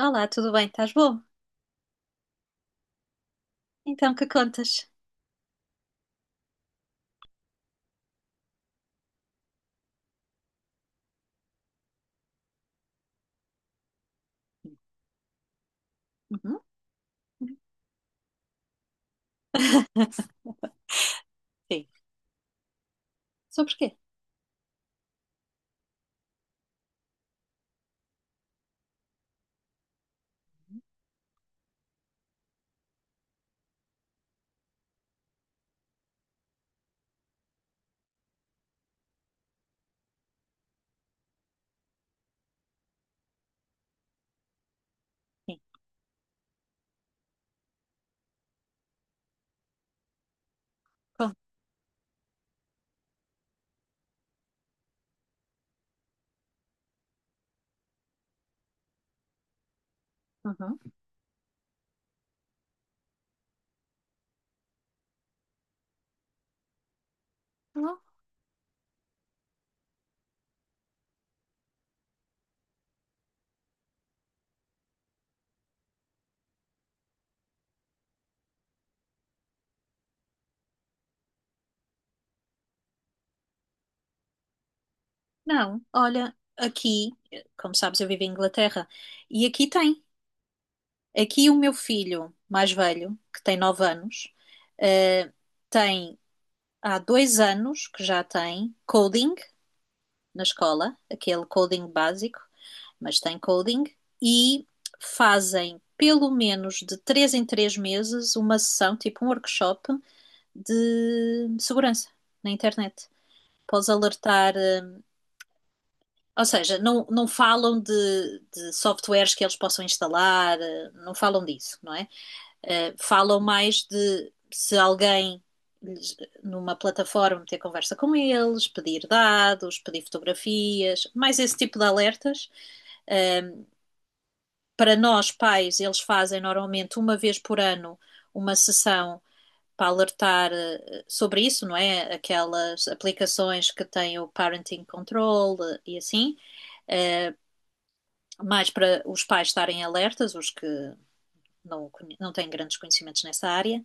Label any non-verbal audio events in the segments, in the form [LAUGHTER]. Olá, tudo bem? Estás bom? Então, que contas? Uhum. [LAUGHS] Sim. Sobre quê? Sim. Con- Uhum. Não. Não, olha, aqui, como sabes, eu vivo em Inglaterra e aqui tem. Aqui o meu filho mais velho, que tem 9 anos, eh, tem há 2 anos que já tem coding na escola, aquele coding básico, mas tem coding, e fazem pelo menos de 3 em 3 meses uma sessão, tipo um workshop de segurança na internet. Podes alertar, ou seja, não falam de softwares que eles possam instalar, não falam disso, não é? Falam mais de se alguém numa plataforma ter conversa com eles, pedir dados, pedir fotografias, mais esse tipo de alertas. Para nós, pais, eles fazem normalmente uma vez por ano uma sessão para alertar sobre isso, não é? Aquelas aplicações que têm o parenting control eh, e assim, mais para os pais estarem alertas, os que não, não têm grandes conhecimentos nessa área,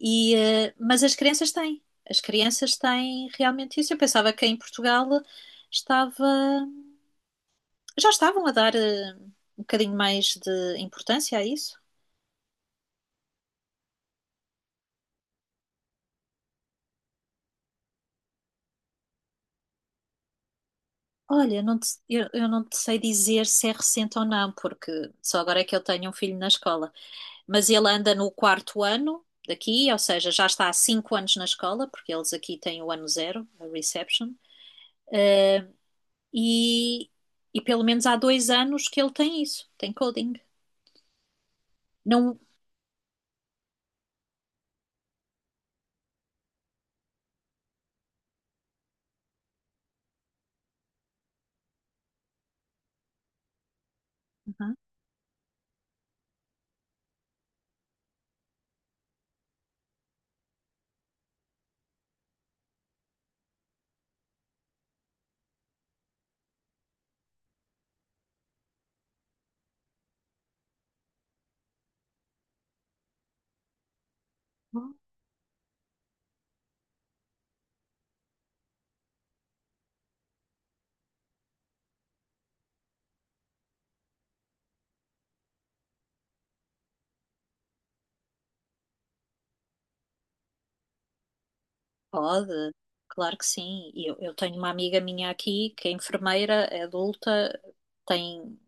mas as crianças têm. As crianças têm realmente isso. Eu pensava que em Portugal estava, já estavam a dar um bocadinho mais de importância a isso. Olha, eu não te sei dizer se é recente ou não, porque só agora é que eu tenho um filho na escola. Mas ele anda no quarto ano daqui, ou seja, já está há 5 anos na escola, porque eles aqui têm o ano zero, a reception. E, e pelo menos há 2 anos que ele tem isso, tem coding. Não. Uhum. Pode, claro que sim. Eu tenho uma amiga minha aqui que é enfermeira, é adulta, tem,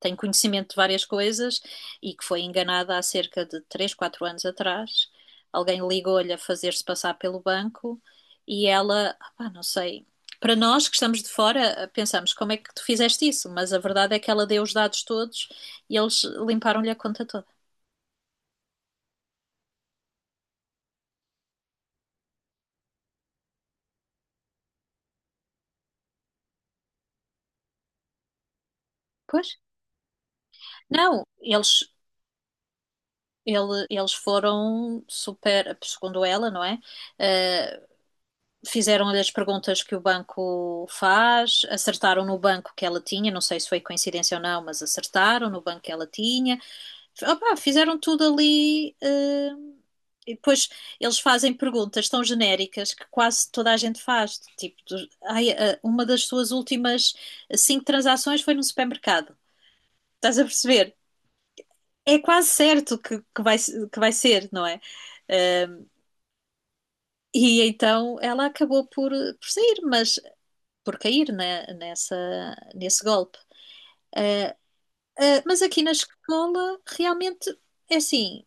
tem conhecimento de várias coisas e que foi enganada há cerca de 3, 4 anos atrás. Alguém ligou-lhe a fazer-se passar pelo banco e ela, opá, não sei. Para nós que estamos de fora, pensamos como é que tu fizeste isso, mas a verdade é que ela deu os dados todos e eles limparam-lhe a conta toda. Pois? Não, eles foram super, segundo ela, não é? Eh, fizeram-lhe as perguntas que o banco faz, acertaram no banco que ela tinha, não sei se foi coincidência ou não, mas acertaram no banco que ela tinha. Opá, fizeram tudo ali. E depois eles fazem perguntas tão genéricas que quase toda a gente faz. Tipo, uma das suas últimas 5 transações foi num supermercado. Estás a perceber? É quase certo que vai ser, não é? Eh, e então ela acabou por sair, mas por cair né, nesse golpe. Mas aqui na escola, realmente, é assim,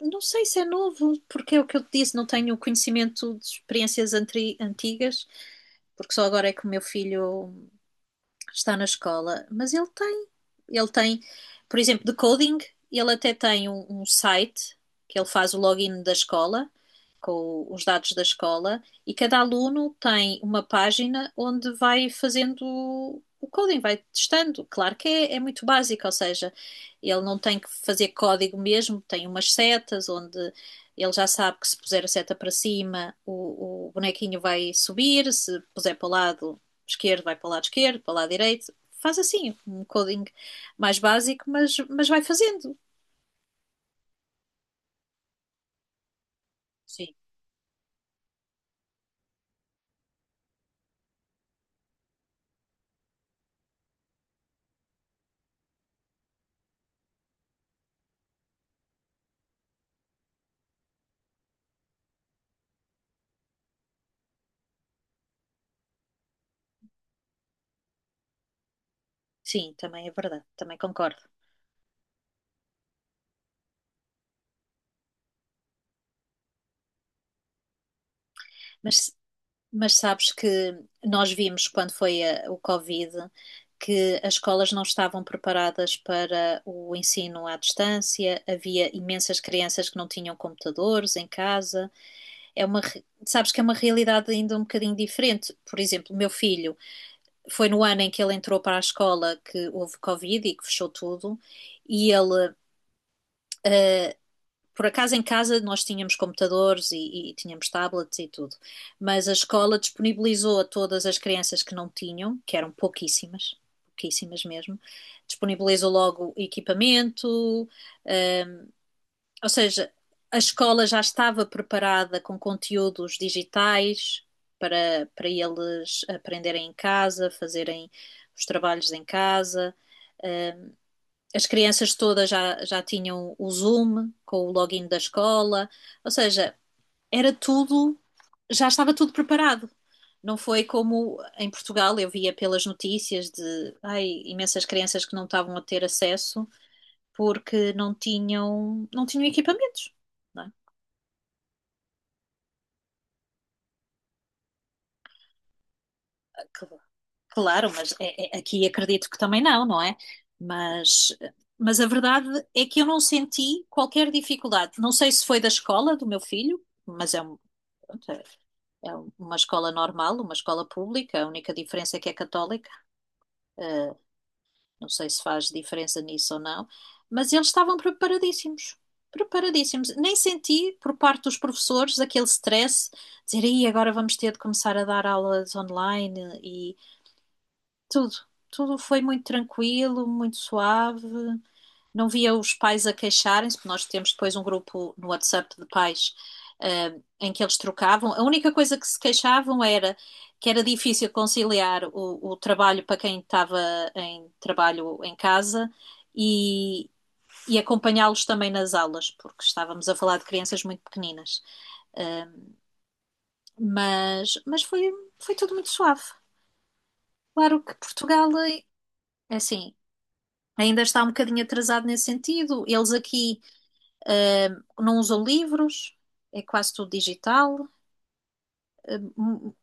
não sei se é novo, porque é o que eu te disse, não tenho conhecimento de experiências antigas, porque só agora é que o meu filho está na escola, mas ele tem. Ele tem, por exemplo, de coding, ele até tem um site que ele faz o login da escola, com os dados da escola, e cada aluno tem uma página onde vai fazendo o coding, vai testando. Claro que é muito básico, ou seja, ele não tem que fazer código mesmo, tem umas setas onde ele já sabe que se puser a seta para cima, o bonequinho vai subir, se puser para o lado, esquerdo vai para o lado esquerdo, para o lado direito. Faz assim, um coding mais básico, mas vai fazendo. Sim. Sim, também é verdade, também concordo. Mas, mas sabes que nós vimos quando foi o Covid que as escolas não estavam preparadas para o ensino à distância, havia imensas crianças que não tinham computadores em casa. É sabes que é uma realidade ainda um bocadinho diferente. Por exemplo, o meu filho foi no ano em que ele entrou para a escola que houve Covid e que fechou tudo, e ele por acaso em casa nós tínhamos computadores tínhamos tablets e tudo, mas a escola disponibilizou a todas as crianças que não tinham, que eram pouquíssimas, pouquíssimas mesmo, disponibilizou logo equipamento, um, ou seja, a escola já estava preparada com conteúdos digitais para eles aprenderem em casa, fazerem os trabalhos em casa. As crianças todas já, já tinham o Zoom com o login da escola, ou seja, era tudo, já estava tudo preparado. Não foi como em Portugal, eu via pelas notícias de ai, imensas crianças que não estavam a ter acesso porque não tinham, não tinham equipamentos. Não é? Cl- Claro, mas aqui acredito que também não, não é? Mas, mas a verdade é que eu não senti qualquer dificuldade. Não sei se foi da escola do meu filho, mas é É é uma escola normal, uma escola pública, a única diferença é que é católica. Eh, não sei se faz diferença nisso ou não, mas eles estavam preparadíssimos. Preparadíssimos. Nem senti por parte dos professores aquele stress, dizer, aí agora vamos ter de começar a dar aulas online e tudo. Tudo foi muito tranquilo, muito suave, não via os pais a queixarem-se, porque nós temos depois um grupo no WhatsApp de pais, em que eles trocavam. A única coisa que se queixavam era que era difícil conciliar o trabalho para quem estava em trabalho em casa e, e acompanhá-los também nas aulas, porque estávamos a falar de crianças muito pequeninas. Mas foi, foi tudo muito suave. Claro que Portugal, eh, é assim, ainda está um bocadinho atrasado nesse sentido. Eles aqui não usam livros, é quase tudo digital. eh, hum,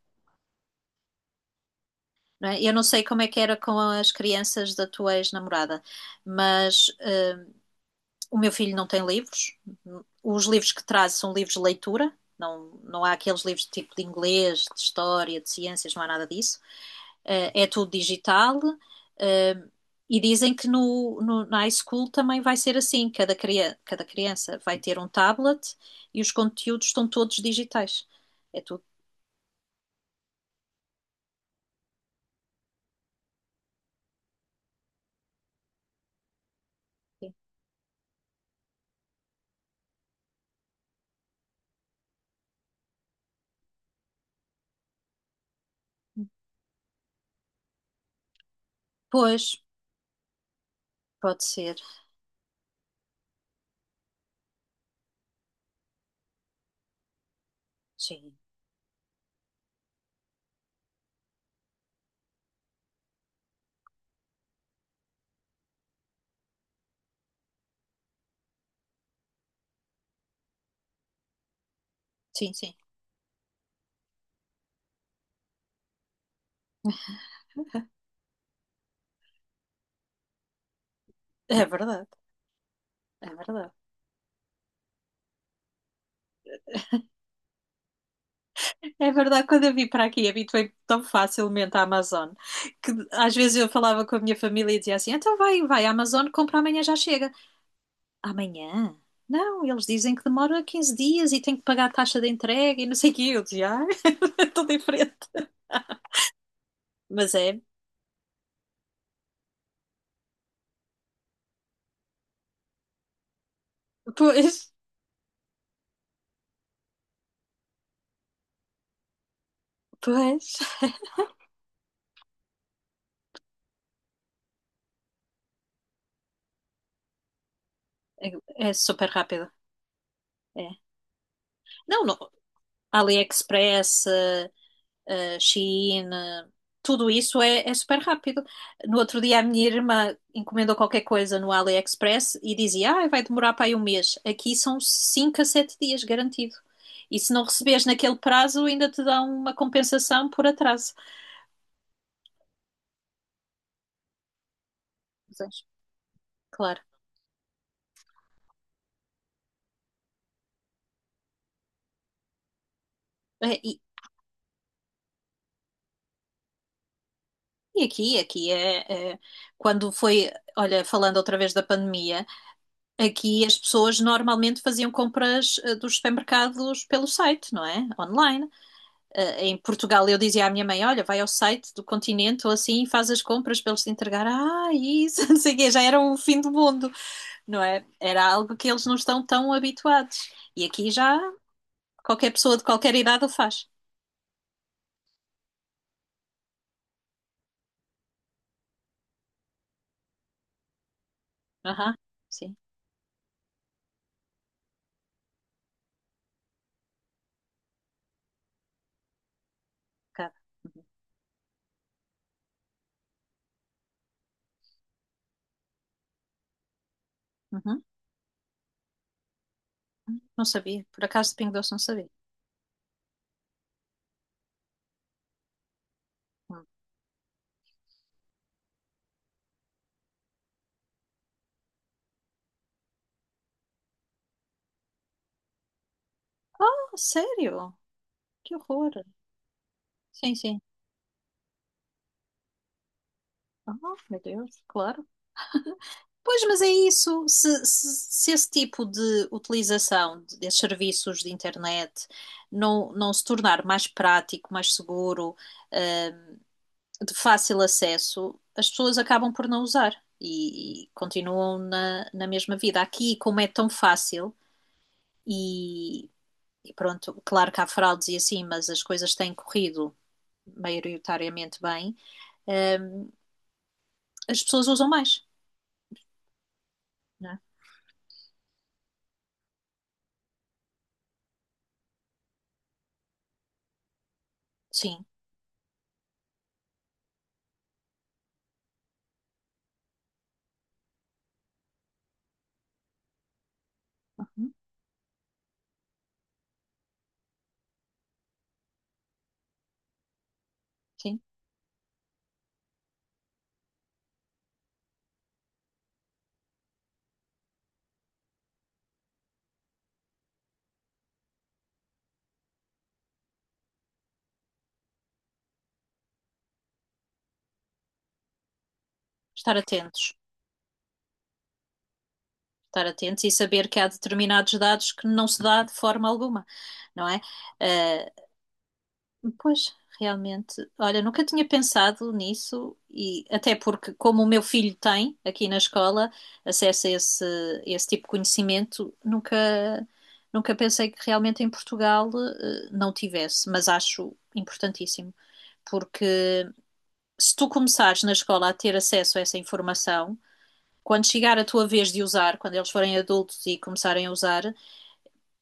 não é? Eu não sei como é que era com as crianças da tua ex-namorada, mas o meu filho não tem livros. Os livros que traz são livros de leitura. Não, não há aqueles livros de tipo de inglês, de história, de ciências, não há nada disso. É tudo digital. Eh. E dizem que na high school também vai ser assim: cada criança vai ter um tablet e os conteúdos estão todos digitais. É tudo. Pois, pode ser. Sim, sim, sim. [LAUGHS] É verdade. É verdade. É verdade, quando eu vim para aqui, habituei-me tão facilmente à Amazon que às vezes eu falava com a minha família e dizia assim: então vai, vai à Amazon, compra amanhã, já chega. Amanhã? Não, eles dizem que demora 15 dias e tem que pagar a taxa de entrega e não sei o quê. Eu dizia: ah, [LAUGHS] estou diferente. Mas é, pois, pois, é, é super rápido. É. Não, não, AliExpress, Shein, tudo isso é, é super rápido. No outro dia, a minha irmã encomendou qualquer coisa no AliExpress e dizia: Ah, vai demorar para aí um mês. Aqui são 5 a 7 dias, garantido. E se não receberes naquele prazo, ainda te dá uma compensação por atraso. Mas, Claro. É. E, e aqui, quando foi, olha, falando outra vez da pandemia, aqui as pessoas normalmente faziam compras dos supermercados pelo site, não é? Online. Em Portugal eu dizia à minha mãe: Olha, vai ao site do Continente ou assim e faz as compras para eles te entregar. Ah, isso, [LAUGHS] não sei o quê, já era o fim do mundo, não é? Era algo que eles não estão tão habituados. E aqui já qualquer pessoa de qualquer idade o faz. Aham, sim, cara. Uhum. Uhum. Uhum. Não sabia, por acaso de Pingo Doce não sabia. Ah, sério? Que horror. Sim, sim. Ah, meu Deus, claro. Pois, mas é isso. Se esse tipo de utilização desses serviços de internet não, não se tornar mais prático, mais seguro, de fácil acesso, as pessoas acabam por não usar e continuam na mesma vida. Aqui, como é tão fácil, e, e pronto, claro que há fraudes e assim, mas as coisas têm corrido maioritariamente bem, as pessoas usam mais, né? Sim. Uhum. Sim. Estar atentos. Estar atentos e saber que há determinados dados que não se dá de forma alguma, não é? Eh, Pois, realmente, olha, nunca tinha pensado nisso e até porque, como o meu filho tem aqui na escola acesso a esse, esse tipo de conhecimento, nunca pensei que realmente em Portugal, eh, não tivesse, mas acho importantíssimo. Porque se tu começares na escola a ter acesso a essa informação, quando chegar a tua vez de usar, quando eles forem adultos e começarem a usar,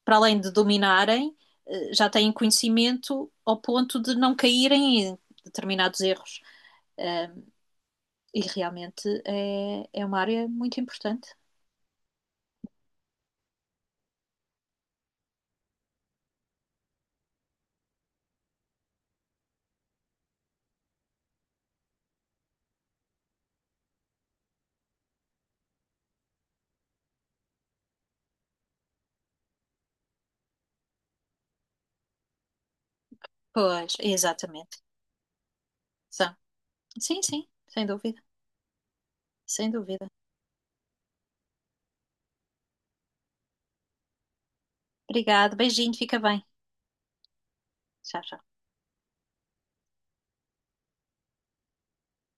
para além de dominarem, já têm conhecimento ao ponto de não caírem em determinados erros. Eh, E realmente é uma área muito importante. Pois, exatamente. São. Sim, sim, sem dúvida, sem dúvida. Obrigada, beijinho, fica bem. Tchau, tchau.